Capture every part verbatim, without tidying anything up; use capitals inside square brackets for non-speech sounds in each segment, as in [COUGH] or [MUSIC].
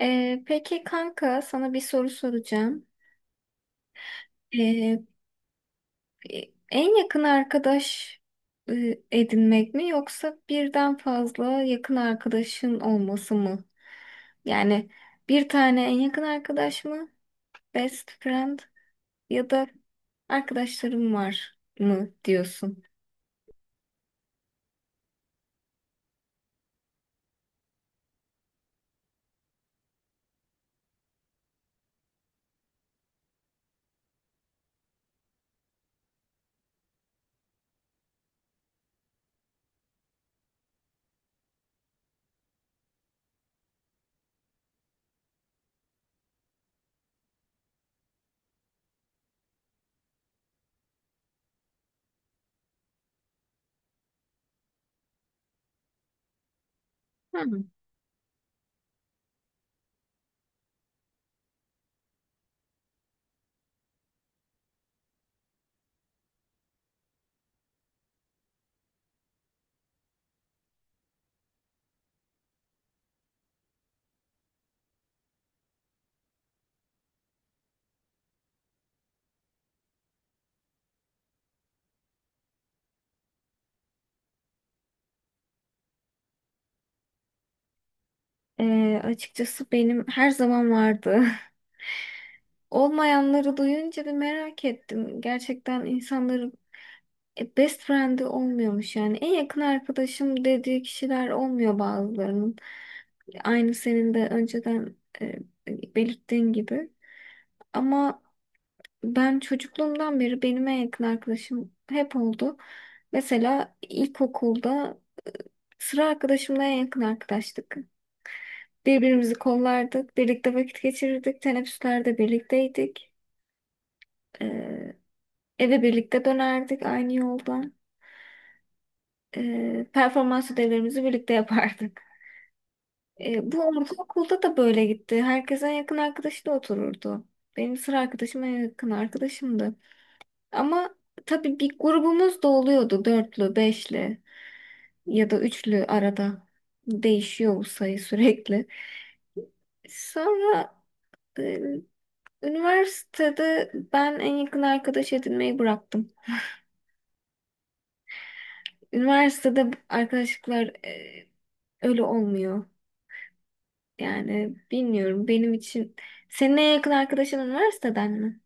Ee, peki kanka, sana bir soru soracağım. Ee, En yakın arkadaş e, edinmek mi, yoksa birden fazla yakın arkadaşın olması mı? Yani bir tane en yakın arkadaş mı? Best friend ya da arkadaşlarım var mı diyorsun? Hmm. Ee, açıkçası benim her zaman vardı. [LAUGHS] Olmayanları duyunca bir merak ettim. Gerçekten insanların, E, best friend'i olmuyormuş yani. En yakın arkadaşım dediği kişiler olmuyor bazılarının. Aynı senin de önceden e, belirttiğin gibi. Ama ben çocukluğumdan beri benim en yakın arkadaşım hep oldu. Mesela ilkokulda sıra arkadaşımla en yakın arkadaştık. Birbirimizi kollardık, birlikte vakit geçirirdik, teneffüslerde birlikteydik. E, Eve birlikte dönerdik aynı yoldan. E, performans ödevlerimizi birlikte yapardık. E, bu ortaokulda da böyle gitti. Herkes en yakın arkadaşı da otururdu. Benim sıra arkadaşım en yakın arkadaşımdı. Ama tabii bir grubumuz da oluyordu. Dörtlü, beşli ya da üçlü arada. Değişiyor bu sayı sürekli. Sonra e, üniversitede ben en yakın arkadaş edinmeyi bıraktım. Üniversitede arkadaşlıklar e, öyle olmuyor. Yani bilmiyorum benim için. Senin en yakın arkadaşın üniversiteden mi?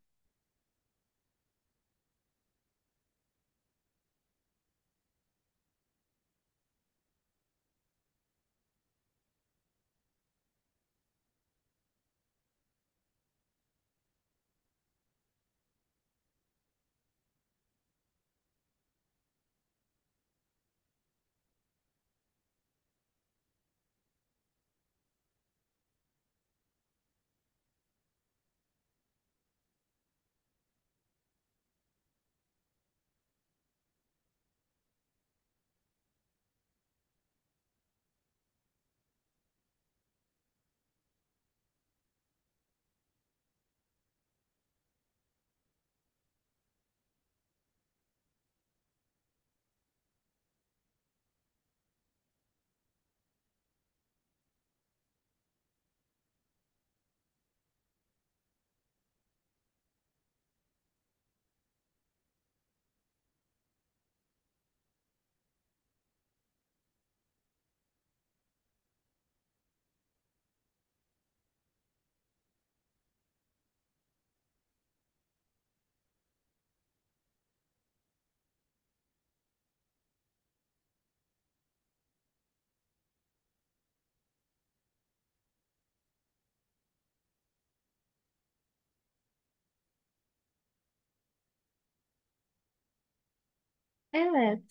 Evet.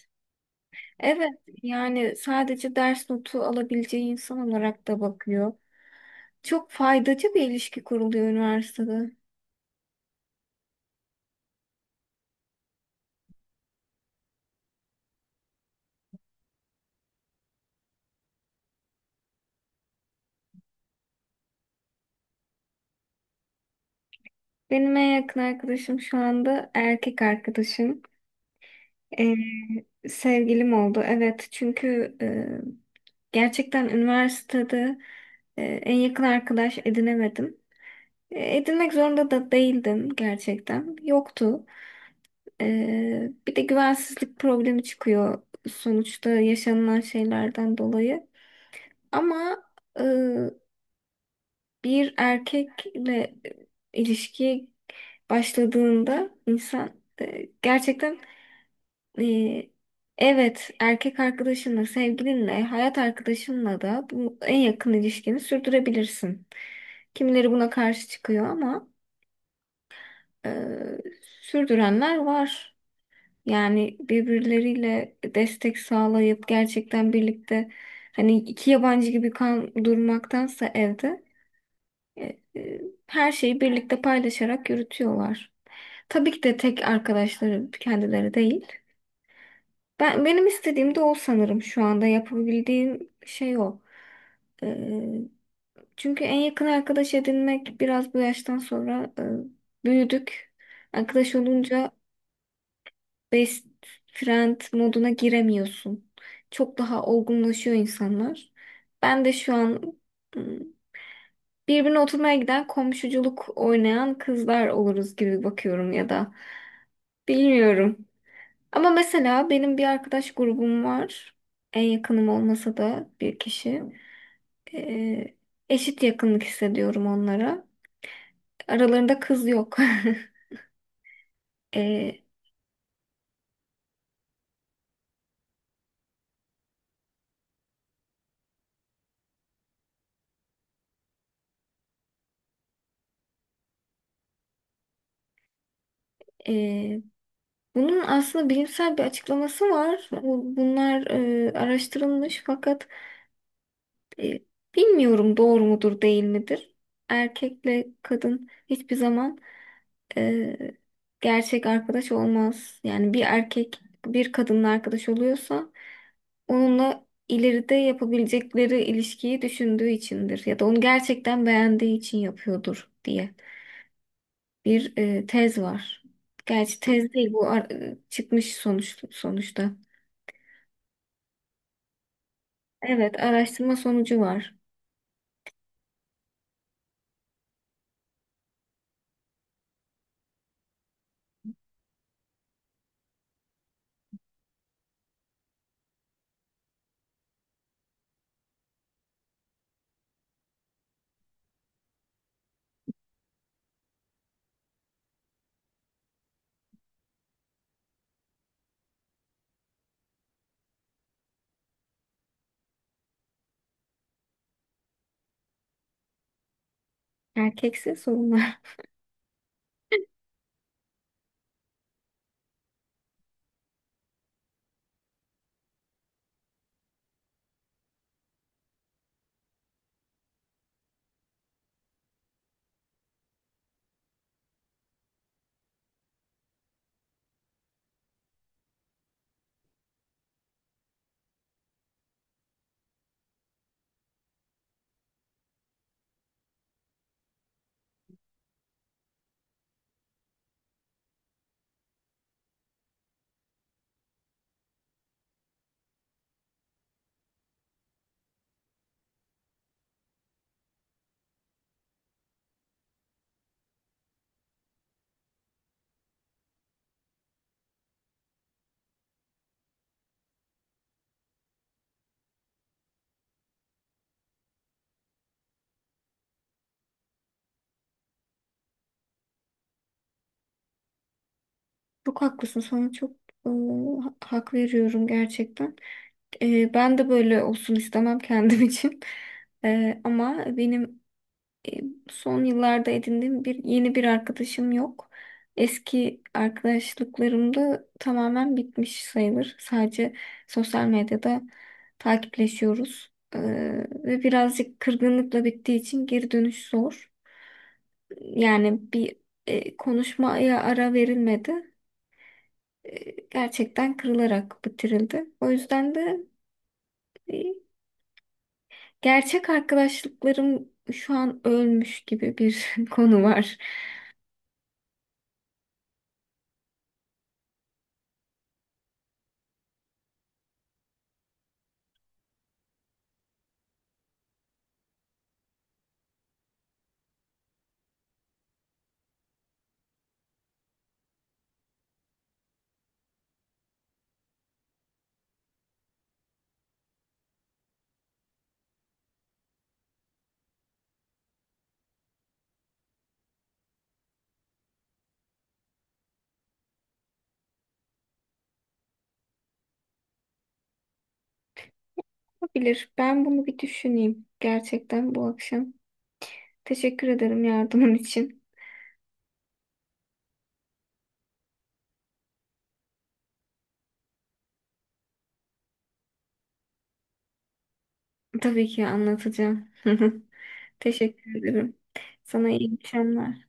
Evet, yani sadece ders notu alabileceği insan olarak da bakıyor. Çok faydacı bir ilişki kuruluyor üniversitede. Benim en yakın arkadaşım şu anda erkek arkadaşım. Ee, Sevgilim oldu. Evet, çünkü e, gerçekten üniversitede e, en yakın arkadaş edinemedim. E, edinmek zorunda da değildim gerçekten. Yoktu. Ee, bir de güvensizlik problemi çıkıyor sonuçta, yaşanılan şeylerden dolayı. Ama e, bir erkekle e, ilişkiye başladığında insan, e, gerçekten, e, evet, erkek arkadaşınla, sevgilinle, hayat arkadaşınla da bu en yakın ilişkini sürdürebilirsin. Kimileri buna karşı çıkıyor ama e, sürdürenler var. Yani birbirleriyle destek sağlayıp gerçekten birlikte, hani iki yabancı gibi kan durmaktansa evde e, e, her şeyi birlikte paylaşarak yürütüyorlar. Tabii ki de tek arkadaşları kendileri değil. Ben benim istediğim de o, sanırım şu anda yapabildiğim şey o. E, Çünkü en yakın arkadaş edinmek biraz bu yaştan sonra, e, büyüdük. Arkadaş olunca best friend moduna giremiyorsun. Çok daha olgunlaşıyor insanlar. Ben de şu an hmm, birbirine oturmaya giden, komşuculuk oynayan kızlar oluruz gibi bakıyorum, ya da bilmiyorum. Ama mesela benim bir arkadaş grubum var. En yakınım olmasa da bir kişi. Ee, Eşit yakınlık hissediyorum onlara. Aralarında kız yok. [LAUGHS] Ee, e, Bunun aslında bilimsel bir açıklaması var. Bu- Bunlar e, araştırılmış, fakat e, bilmiyorum, doğru mudur değil midir? Erkekle kadın hiçbir zaman e, gerçek arkadaş olmaz. Yani bir erkek bir kadınla arkadaş oluyorsa onunla ileride yapabilecekleri ilişkiyi düşündüğü içindir, ya da onu gerçekten beğendiği için yapıyordur diye bir e, tez var. Gerçi tez değil bu, ar- e, çıkmış sonuç sonuçta. Evet, araştırma sonucu var. Erkekse sorunlar. [LAUGHS] Çok haklısın. Sana çok e, ha- hak veriyorum gerçekten. E, ben de böyle olsun istemem [LAUGHS] kendim için. E, ama benim e, son yıllarda edindiğim bir yeni bir arkadaşım yok. Eski arkadaşlıklarım da tamamen bitmiş sayılır. Sadece sosyal medyada takipleşiyoruz. E, ve birazcık kırgınlıkla bittiği için geri dönüş zor. Yani bir, e, konuşmaya ara verilmedi. E, gerçekten kırılarak bitirildi. O yüzden de e, gerçek arkadaşlıklarım şu an ölmüş gibi bir [LAUGHS] konu var. Olabilir. Ben bunu bir düşüneyim gerçekten bu akşam. Teşekkür ederim yardımın için. Tabii ki anlatacağım. [LAUGHS] Teşekkür ederim. Sana iyi akşamlar.